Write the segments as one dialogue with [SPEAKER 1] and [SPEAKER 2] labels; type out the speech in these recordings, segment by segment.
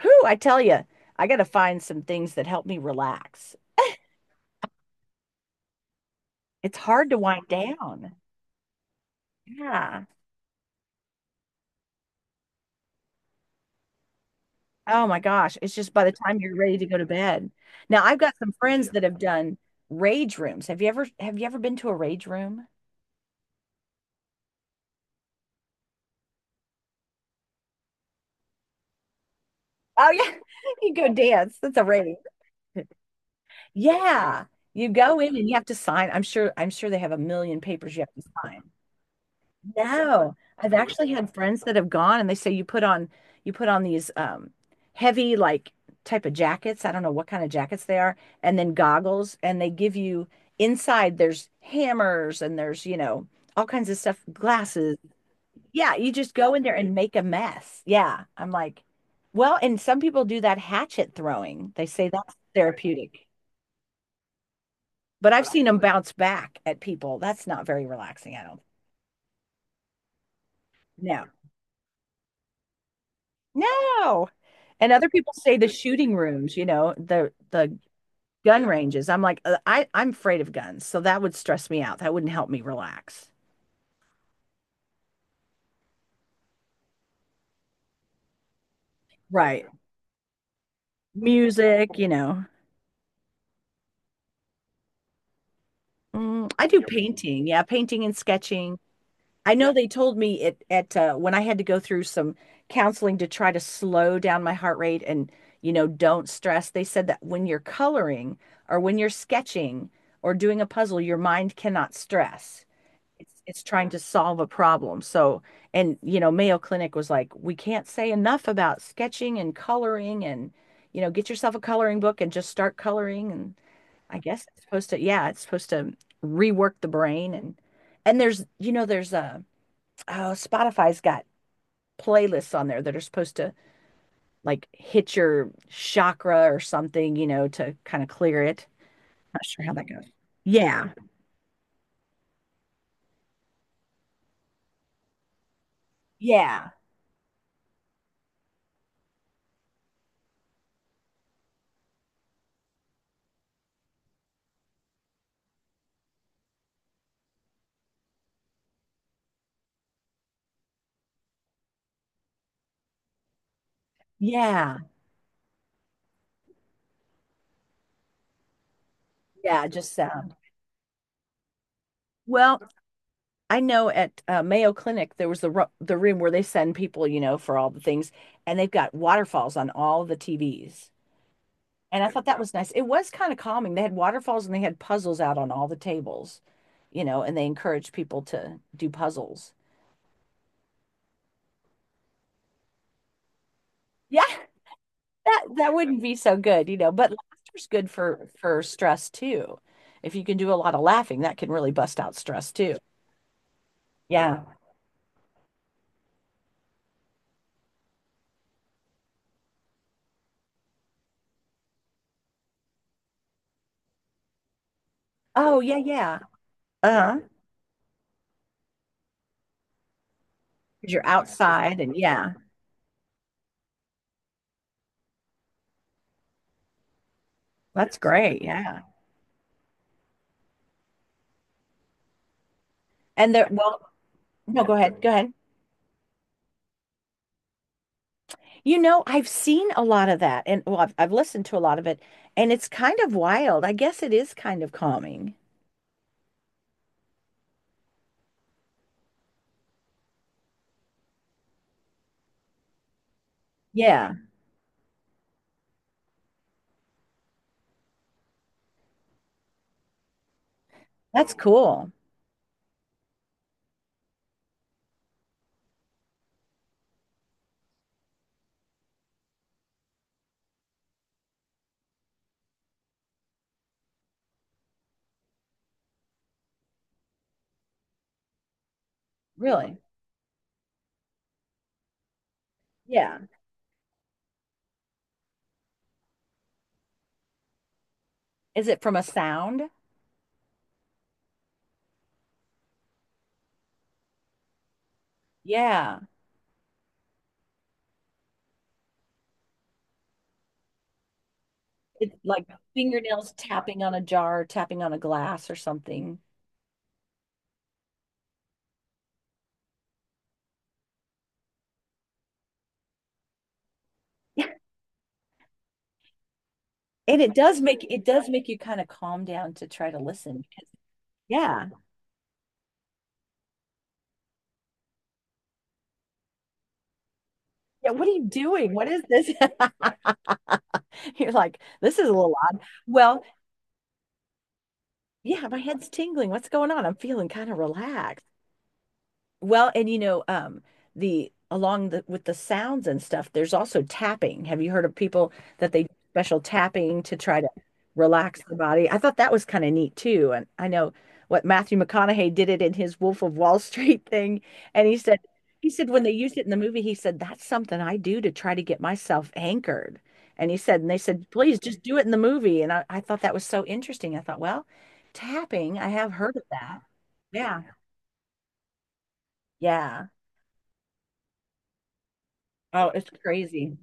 [SPEAKER 1] Whew, I tell you, I got to find some things that help me relax. It's hard to wind down. Yeah. Oh my gosh. It's just by the time you're ready to go to bed. Now, I've got some friends that have done rage rooms. Have you ever been to a rage room? Oh yeah. You go dance. That's a rage. Yeah. You go in and you have to sign. I'm sure they have a million papers you have to sign. No, I've actually had friends that have gone and they say you put on these heavy like type of jackets. I don't know what kind of jackets they are, and then goggles, and they give you inside there's hammers and there's, you know, all kinds of stuff, glasses. Yeah, you just go in there and make a mess. Yeah. I'm like, well, and some people do that hatchet throwing. They say that's therapeutic. But I've seen them bounce back at people. That's not very relaxing, I don't. No. No. And other people say the shooting rooms, you know, the gun ranges. I'm like, I'm afraid of guns, so that would stress me out. That wouldn't help me relax. Right. Music, you know. Mm, I do painting. Yeah, painting and sketching. I know they told me it at when I had to go through some counseling to try to slow down my heart rate and, you know, don't stress. They said that when you're coloring or when you're sketching or doing a puzzle, your mind cannot stress. It's trying to solve a problem. So, and you know, Mayo Clinic was like, we can't say enough about sketching and coloring and you know, get yourself a coloring book and just start coloring. And I guess it's supposed to, yeah, it's supposed to rework the brain. And there's, you know, there's a, oh, Spotify's got playlists on there that are supposed to like hit your chakra or something, you know, to kind of clear it. Not sure how that goes. Yeah. Yeah. Yeah. Yeah, just sound. Well, I know at Mayo Clinic there was the ro the room where they send people, you know, for all the things, and they've got waterfalls on all the TVs. And I thought that was nice. It was kind of calming. They had waterfalls and they had puzzles out on all the tables, you know, and they encouraged people to do puzzles. Yeah, that wouldn't be so good, you know, but laughter's good for stress too. If you can do a lot of laughing, that can really bust out stress too. Yeah. Oh, yeah, yeah. Uh-huh. 'Cause you're outside and yeah, that's great. Yeah. And there, well, no, go ahead. You know, I've seen a lot of that, and well, I've listened to a lot of it, and it's kind of wild. I guess it is kind of calming. Yeah, that's cool. Really? Yeah. Is it from a sound? Yeah. It's like fingernails tapping on a jar, tapping on a glass or something. Yeah, and it does make, it does make you kind of calm down to try to listen. Yeah. Yeah, what are you doing? What is this? You're like, this is a little odd. Well, yeah, my head's tingling. What's going on? I'm feeling kind of relaxed. Well, and you know, the along the with the sounds and stuff, there's also tapping. Have you heard of people that they do special tapping to try to relax the body? I thought that was kind of neat too. And I know what Matthew McConaughey did it in his Wolf of Wall Street thing, and he said when they used it in the movie, he said that's something I do to try to get myself anchored. And he said, and they said, please just do it in the movie. And I thought that was so interesting. I thought, well, tapping, I have heard of that. Yeah. Yeah. Oh, it's crazy.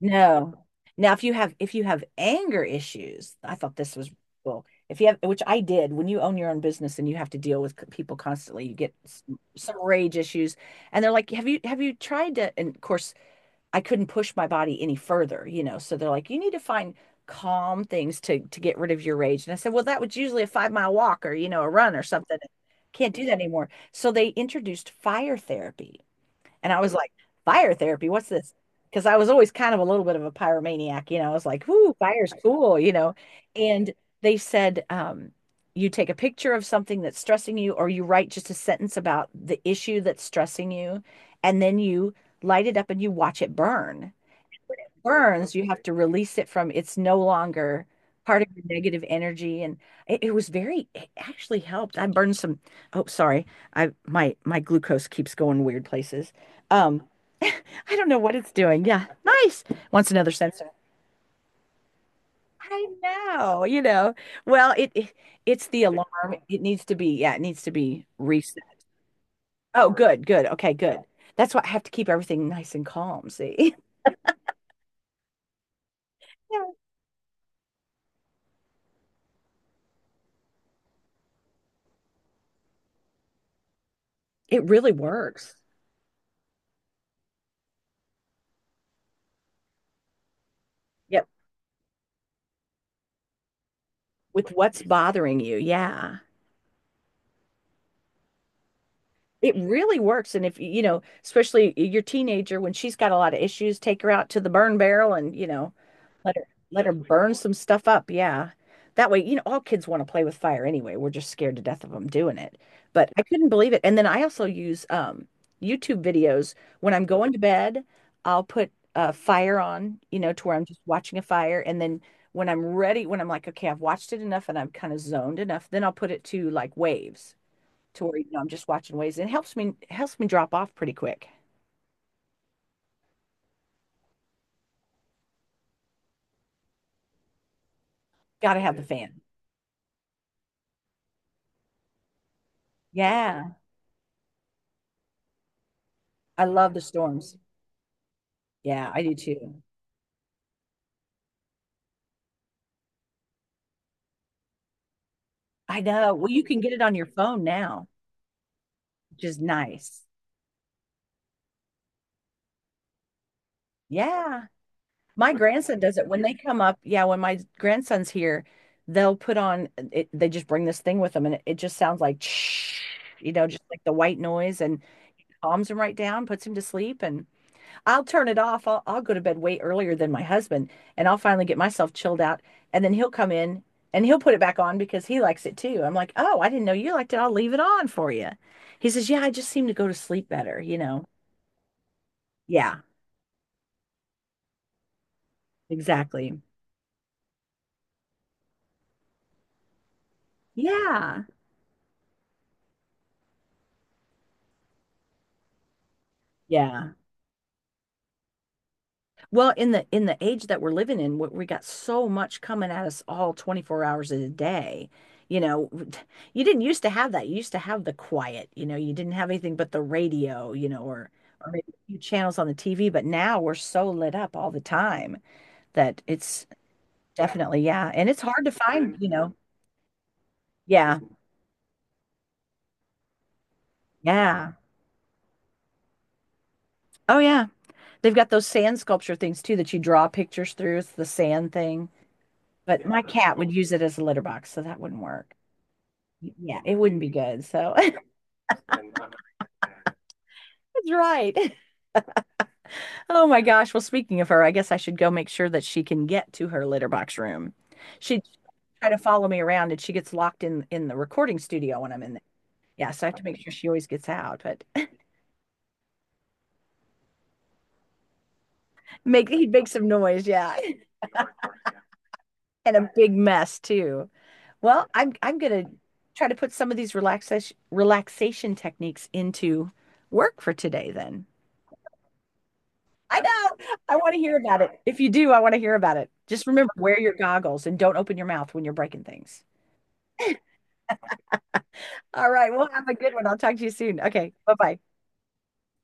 [SPEAKER 1] No. Now, if you have anger issues, I thought this was cool. If you have, which I did, when you own your own business and you have to deal with people constantly, you get some rage issues, and they're like, have you tried to?" And of course, I couldn't push my body any further, you know. So they're like, "You need to find calm things to get rid of your rage." And I said, "Well, that was usually a 5 mile walk, or you know, a run or something. Can't do that anymore." So they introduced fire therapy. And I was like, fire therapy, what's this? Because I was always kind of a little bit of a pyromaniac, you know. I was like, "Ooh, fire's cool," you know. And they said, you take a picture of something that's stressing you, or you write just a sentence about the issue that's stressing you, and then you light it up and you watch it burn. Burns, you have to release it from, it's no longer part of your negative energy. And it was very, it actually helped. I burned some, oh, sorry. My glucose keeps going weird places. Um, I don't know what it's doing. Yeah. Nice. Wants another sensor. I know, you know. Well, it it's the alarm. It needs to be, yeah, it needs to be reset. Oh, good, good. Okay, good. That's why I have to keep everything nice and calm, see? Yeah. It really works. Yep. With what's bothering you. Yeah. It really works. And if, you know, especially your teenager, when she's got a lot of issues, take her out to the burn barrel and, you know, let her let her burn some stuff up. Yeah. That way, you know, all kids want to play with fire anyway. We're just scared to death of them doing it. But I couldn't believe it. And then I also use YouTube videos when I'm going to bed. I'll put a fire on, you know, to where I'm just watching a fire. And then when I'm ready, when I'm like, okay, I've watched it enough and I'm kind of zoned enough, then I'll put it to like waves. To where you know, I'm just watching waves. It helps me, helps me drop off pretty quick. Gotta have the fan. Yeah. I love the storms. Yeah, I do too. I know. Well, you can get it on your phone now, which is nice. Yeah. My grandson does it when they come up. Yeah, when my grandson's here, they'll put on it, they just bring this thing with them and it just sounds like you know, just like the white noise and calms him right down, puts him to sleep. And I'll turn it off. I'll go to bed way earlier than my husband, and I'll finally get myself chilled out. And then he'll come in and he'll put it back on because he likes it too. I'm like, oh, I didn't know you liked it. I'll leave it on for you. He says, yeah, I just seem to go to sleep better, you know? Yeah, exactly. Yeah. Yeah. Well, in the age that we're living in, we got so much coming at us all 24 hours a day. You know, you didn't used to have that. You used to have the quiet, you know, you didn't have anything but the radio, you know, or maybe a few channels on the TV, but now we're so lit up all the time that it's definitely, yeah, and it's hard to find, you know. Yeah. Yeah. Oh yeah. They've got those sand sculpture things too that you draw pictures through. It's the sand thing. But my cat would use it as a litter box, so that wouldn't work. Yeah, it wouldn't be good. So that's right. Oh my gosh. Well, speaking of her, I guess I should go make sure that she can get to her litter box room. She'd try to follow me around and she gets locked in the recording studio when I'm in there. Yeah, so I have to make sure she always gets out, but make he'd make some noise, yeah. And a big mess too. Well, I'm gonna try to put some of these relaxation techniques into work for today then. I know. I want to hear about it. If you do, I want to hear about it. Just remember, wear your goggles and don't open your mouth when you're breaking things. All right. We'll have a good one. I'll talk to you soon. Okay. Bye bye.